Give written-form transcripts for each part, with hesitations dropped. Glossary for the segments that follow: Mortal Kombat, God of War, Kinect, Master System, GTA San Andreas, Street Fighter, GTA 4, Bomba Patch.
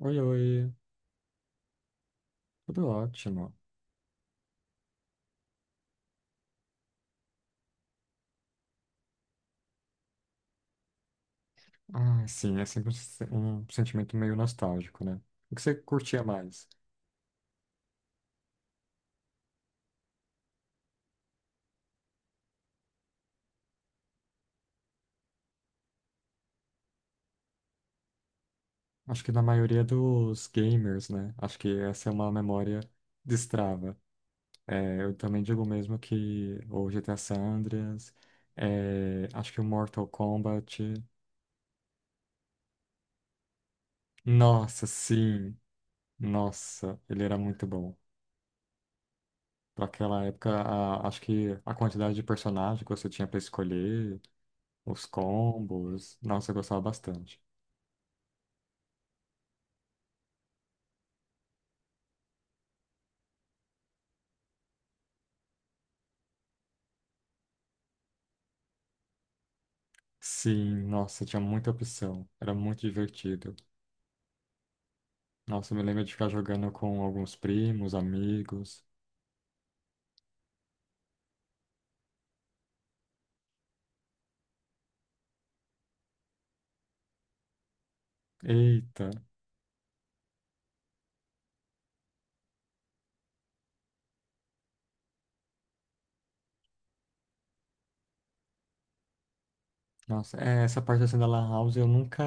Oi, oi, tudo ótimo. Ah, sim, é sempre um sentimento meio nostálgico, né? O que você curtia mais? Acho que na maioria dos gamers, né? Acho que essa é uma memória destrava. É, eu também digo mesmo que o GTA San Andreas, é, acho que o Mortal Kombat. Nossa, sim! Nossa, ele era muito bom. Para aquela época, acho que a quantidade de personagem que você tinha para escolher. Os combos. Nossa, eu gostava bastante. Sim, nossa, tinha muita opção. Era muito divertido. Nossa, eu me lembro de ficar jogando com alguns primos, amigos. Eita, nossa, é, essa parte assim da Lan House eu nunca,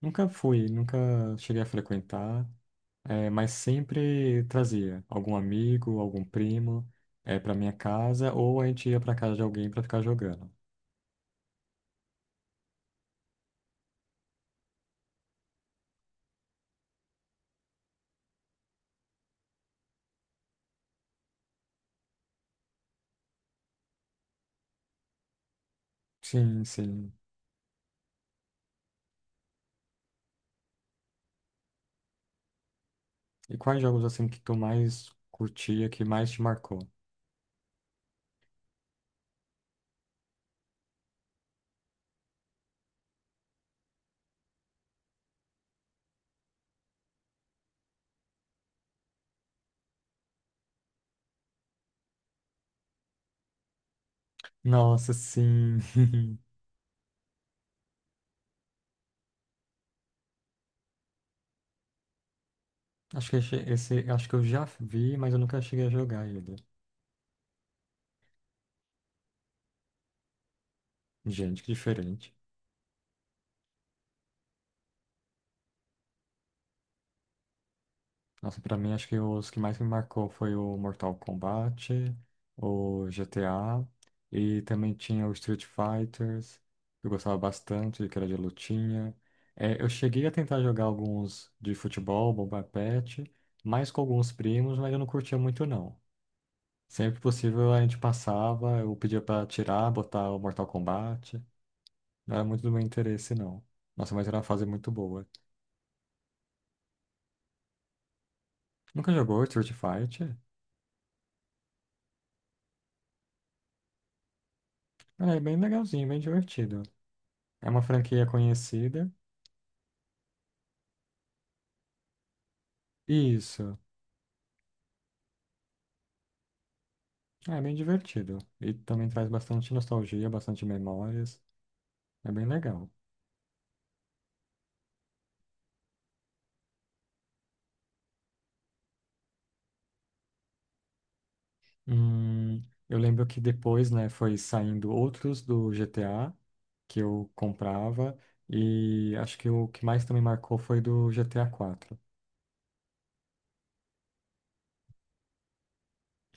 nunca fui, nunca cheguei a frequentar, é, mas sempre trazia algum amigo, algum primo, é, para minha casa ou a gente ia para casa de alguém para ficar jogando. Sim, sim. E quais jogos assim que tu mais curtia, que mais te marcou? Nossa, sim. Acho que acho que eu já vi, mas eu nunca cheguei a jogar ele. Gente, que diferente. Nossa, pra mim acho que os que mais me marcou foi o Mortal Kombat, o GTA e também tinha o Street Fighters, que eu gostava bastante, que era de lutinha. É, eu cheguei a tentar jogar alguns de futebol, Bomba Patch, mais com alguns primos, mas eu não curtia muito não. Sempre que possível a gente passava, eu pedia pra tirar, botar o Mortal Kombat. Não era muito do meu interesse, não. Nossa, mas era uma fase muito boa. Nunca jogou Street Fighter? Ah, é bem legalzinho, bem divertido. É uma franquia conhecida. Isso. Ah, é bem divertido. E também traz bastante nostalgia, bastante memórias. É bem legal. Hum, eu lembro que depois, né, foi saindo outros do GTA que eu comprava. E acho que o que mais também marcou foi do GTA 4.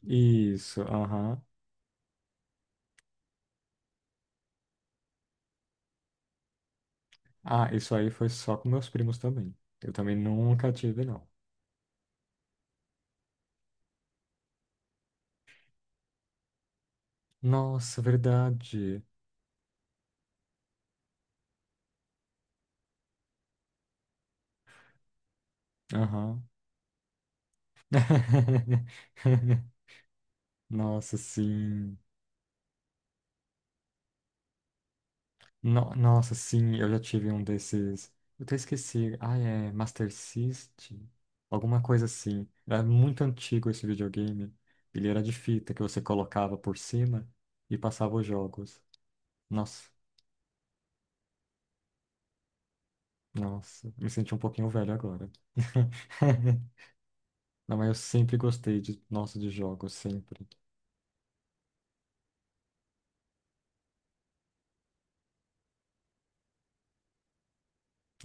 Isso, aham. Ah, isso aí foi só com meus primos também. Eu também nunca tive, não. Nossa, verdade. Aham. Nossa, sim. Nossa, sim, eu já tive um desses. Eu até esqueci. Ah, é Master System? Alguma coisa assim. Era muito antigo esse videogame. Ele era de fita que você colocava por cima e passava os jogos. Nossa, nossa. Me senti um pouquinho velho agora. Não, mas eu sempre gostei de, nossa, de jogos, sempre.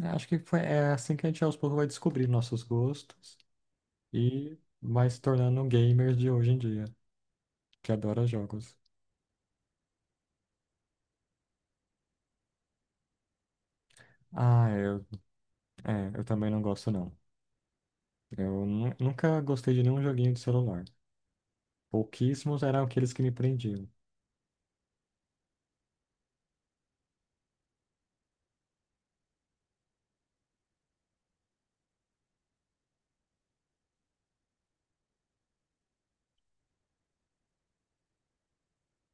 É, acho que foi, é assim que a gente aos poucos vai descobrir nossos gostos e vai se tornando gamers de hoje em dia, que adora jogos. Ah, eu, é, eu também não gosto, não. Nunca gostei de nenhum joguinho de celular. Pouquíssimos eram aqueles que me prendiam.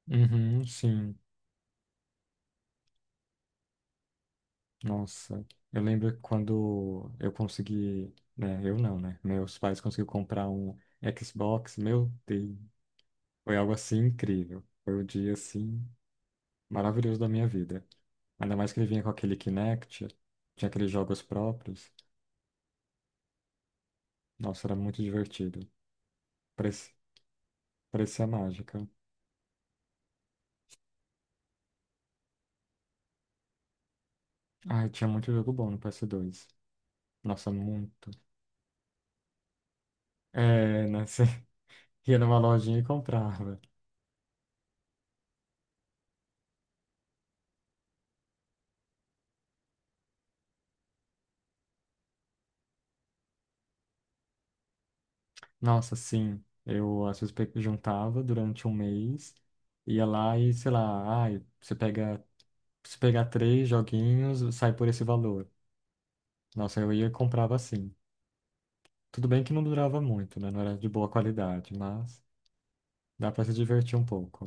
Uhum, sim. Nossa, eu lembro quando eu consegui, né, eu não, né? Meus pais conseguiram comprar um Xbox, meu Deus. Foi algo assim incrível. Foi o dia assim maravilhoso da minha vida. Ainda mais que ele vinha com aquele Kinect, tinha aqueles jogos próprios. Nossa, era muito divertido. Parecia, parecia mágica. Ai, tinha muito jogo bom no PS2. Nossa, muito. É, né? Você ia numa lojinha e comprava. Nossa, sim. Eu às vezes juntava durante um mês, ia lá e, sei lá, ai, você pega, se pegar três joguinhos, sai por esse valor. Nossa, eu ia e comprava assim. Tudo bem que não durava muito, né? Não era de boa qualidade, mas dá pra se divertir um pouco.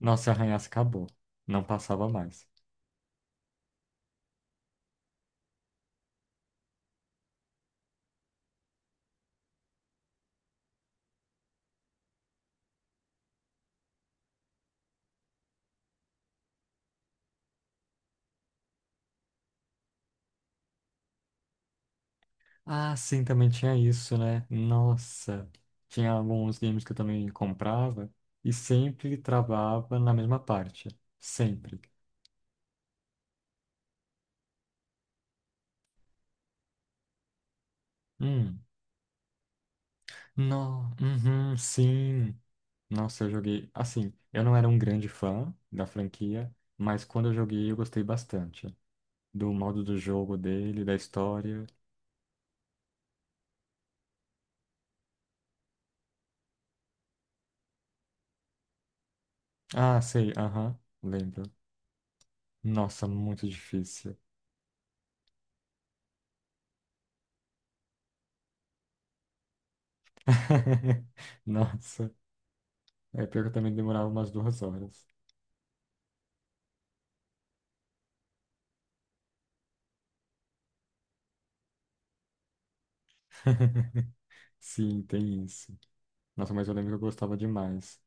Nossa, e arranhaço acabou. Não passava mais. Ah, sim, também tinha isso, né? Nossa, tinha alguns games que eu também comprava e sempre travava na mesma parte. Sempre. Hum, não, uhum, sim. Nossa, eu joguei. Assim, eu não era um grande fã da franquia, mas quando eu joguei eu gostei bastante do modo do jogo dele, da história. Ah, sei, aham, lembro. Nossa, muito difícil. Nossa, é pior que eu também demorava umas 2 horas. Sim, tem isso. Nossa, mas eu lembro que eu gostava demais.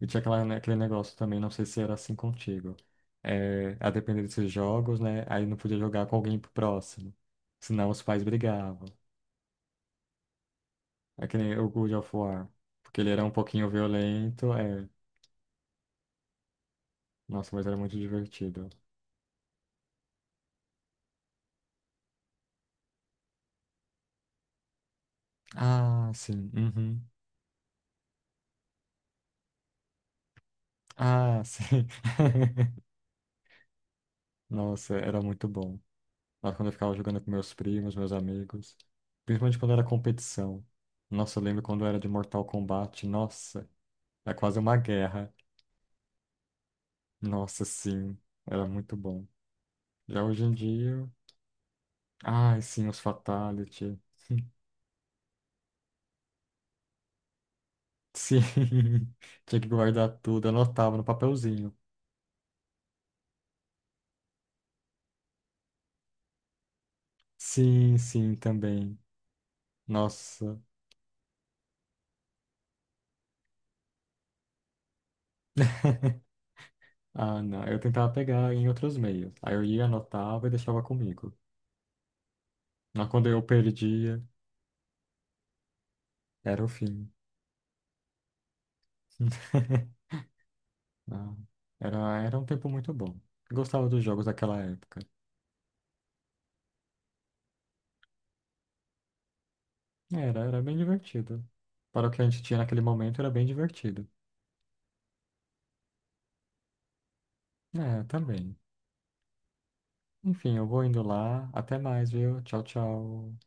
E tinha aquela, né, aquele negócio também, não sei se era assim contigo. É, a depender desses jogos, né? Aí não podia jogar com alguém pro próximo. Senão os pais brigavam. É que nem o God of War. Porque ele era um pouquinho violento, é. Nossa, mas era muito divertido. Ah, sim. Uhum. Ah, sim. Nossa, era muito bom. Mas quando eu ficava jogando com meus primos, meus amigos. Principalmente quando era competição. Nossa, eu lembro quando era de Mortal Kombat. Nossa, é quase uma guerra. Nossa, sim. Era muito bom. Já hoje em dia. Ai, sim, os Fatality. Sim. Tinha que guardar tudo. Anotava no papelzinho. Sim, sim, também. Nossa. Ah, não. Eu tentava pegar em outros meios. Aí eu ia, anotava e deixava comigo. Mas quando eu perdia, era o fim. Ah, era, era um tempo muito bom. Gostava dos jogos daquela época. Era, era bem divertido. Para o que a gente tinha naquele momento, era bem divertido. É, também. Enfim, eu vou indo lá. Até mais, viu? Tchau, tchau.